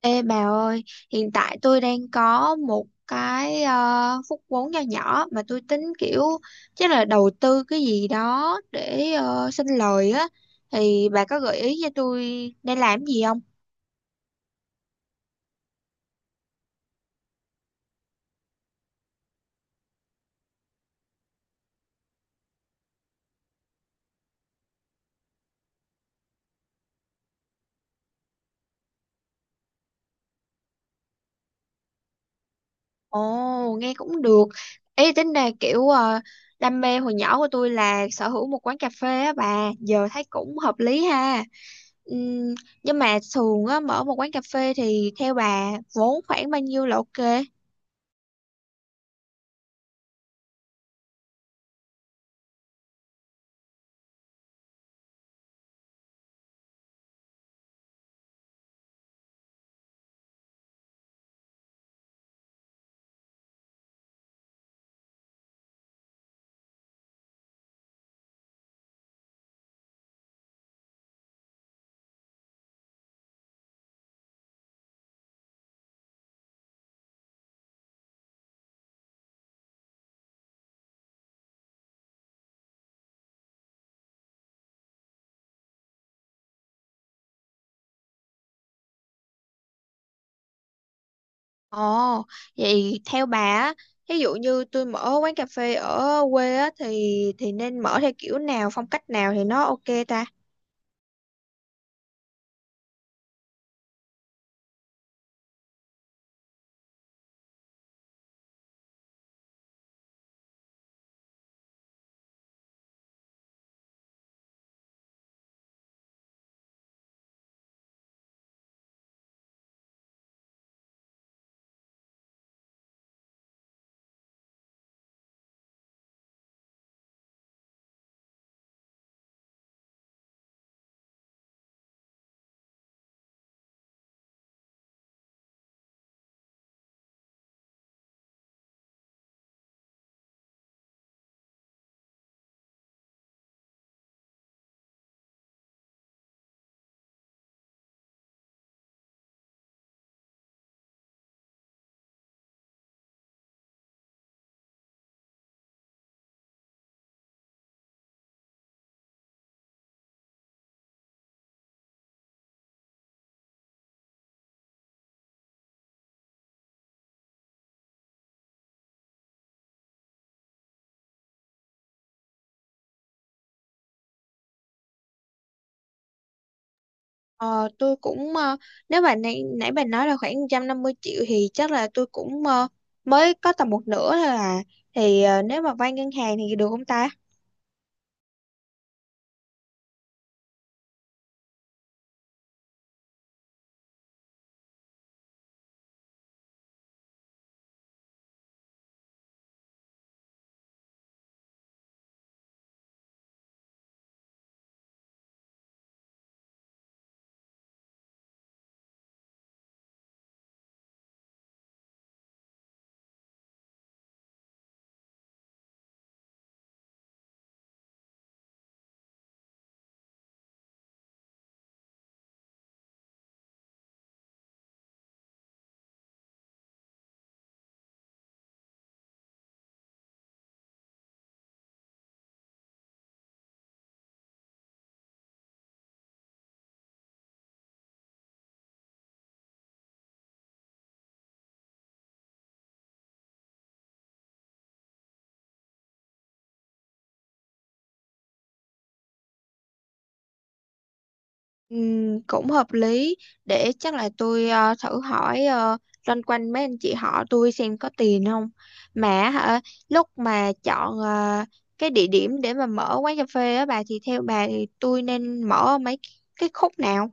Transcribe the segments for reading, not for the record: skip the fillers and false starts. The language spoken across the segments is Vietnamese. Ê bà ơi, hiện tại tôi đang có một cái phút vốn nho nhỏ mà tôi tính kiểu chắc là đầu tư cái gì đó để sinh lời á, thì bà có gợi ý cho tôi nên làm gì không? Ồ, nghe cũng được. Ý tính là kiểu đam mê hồi nhỏ của tôi là sở hữu một quán cà phê á bà, giờ thấy cũng hợp lý ha. Ừm, nhưng mà thường á mở một quán cà phê thì theo bà vốn khoảng bao nhiêu là ok? Ồ, vậy theo bà á, ví dụ như tôi mở quán cà phê ở quê á, thì nên mở theo kiểu nào, phong cách nào thì nó ok ta? Ờ, tôi cũng nếu mà nãy nãy bà nói là khoảng 150 triệu thì chắc là tôi cũng mới có tầm một nửa thôi à. Thì nếu mà vay ngân hàng thì được không ta? Cũng hợp lý, để chắc là tôi thử hỏi uh, loanh quanh mấy anh chị họ tôi xem có tiền không mà. Hả, lúc mà chọn cái địa điểm để mà mở quán cà phê á bà thì theo bà thì tôi nên mở mấy cái khúc nào?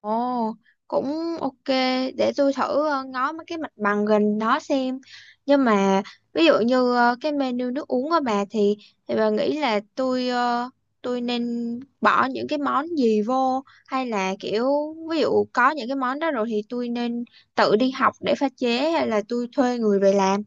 Ồ, cũng ok, để tôi thử ngó mấy cái mặt bằng gần đó xem. Nhưng mà ví dụ như cái menu nước uống của bà thì bà nghĩ là tôi tôi nên bỏ những cái món gì vô, hay là kiểu ví dụ có những cái món đó rồi thì tôi nên tự đi học để pha chế hay là tôi thuê người về làm.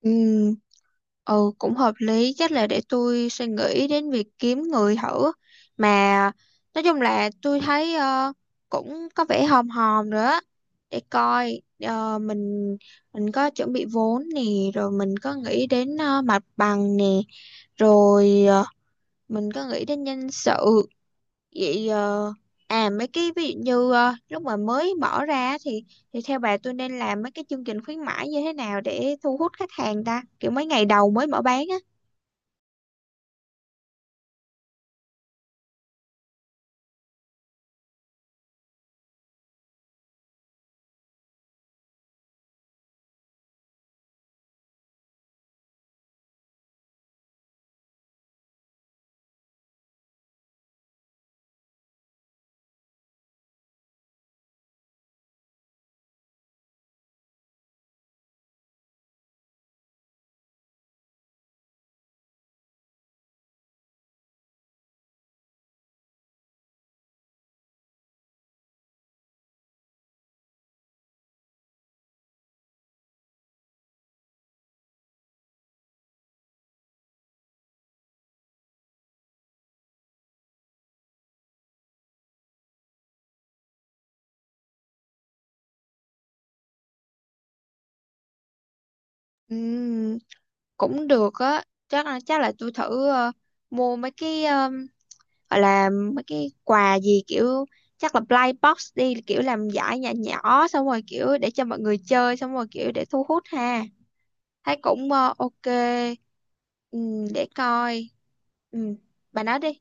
Ừ. Ừ, cũng hợp lý, chắc là để tôi suy nghĩ đến việc kiếm người thử. Mà nói chung là tôi thấy cũng có vẻ hòm hòm nữa á, để coi mình có chuẩn bị vốn nè, rồi mình có nghĩ đến mặt bằng nè, rồi mình có nghĩ đến nhân sự. Vậy à mấy cái ví dụ như lúc mà mới mở ra thì theo bà tôi nên làm mấy cái chương trình khuyến mãi như thế nào để thu hút khách hàng ta, kiểu mấy ngày đầu mới mở bán á? Ừm, cũng được á, chắc là tôi thử mua mấy cái gọi là mấy cái quà gì, kiểu chắc là blind box đi, kiểu làm giải nhỏ nhỏ xong rồi kiểu để cho mọi người chơi xong rồi kiểu để thu hút ha, thấy cũng ok. Để coi. Ừm, bà nói đi.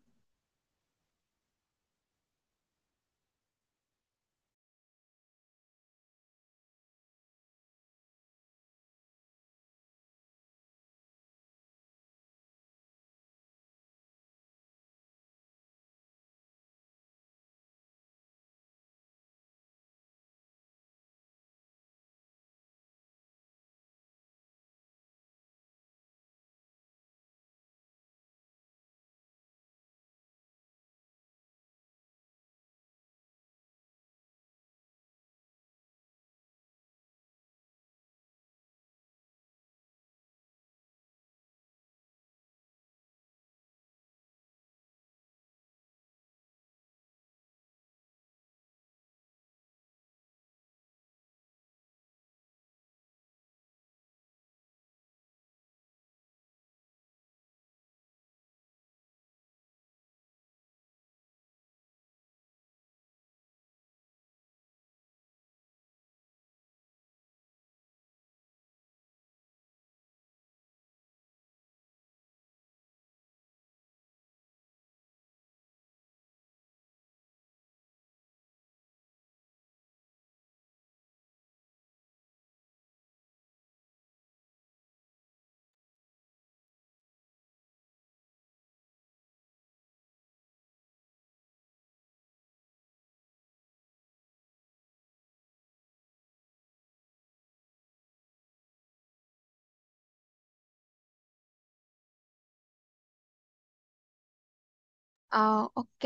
Ờ ok.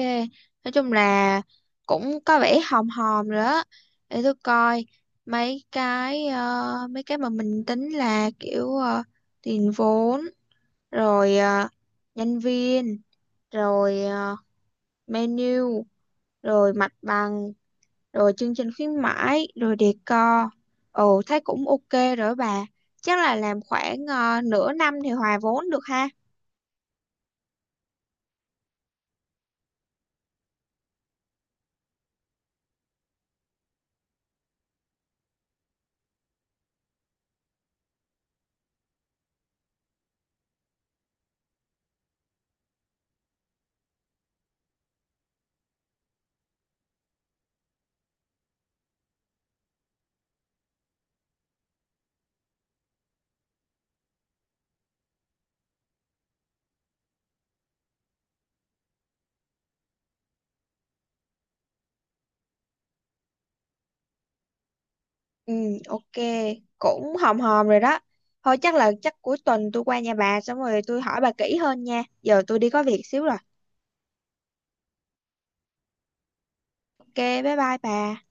Nói chung là cũng có vẻ hòm hòm rồi đó. Để tôi coi mấy cái mấy cái mà mình tính là kiểu tiền vốn, rồi nhân viên, rồi menu, rồi mặt bằng, rồi chương trình khuyến mãi, rồi decor. Ồ thấy cũng ok rồi đó bà. Chắc là làm khoảng nửa năm thì hòa vốn được ha. Ừ, ok, cũng hòm hòm rồi đó. Thôi chắc là chắc cuối tuần tôi qua nhà bà xong rồi tôi hỏi bà kỹ hơn nha. Giờ tôi đi có việc xíu rồi. Ok, bye bye bà.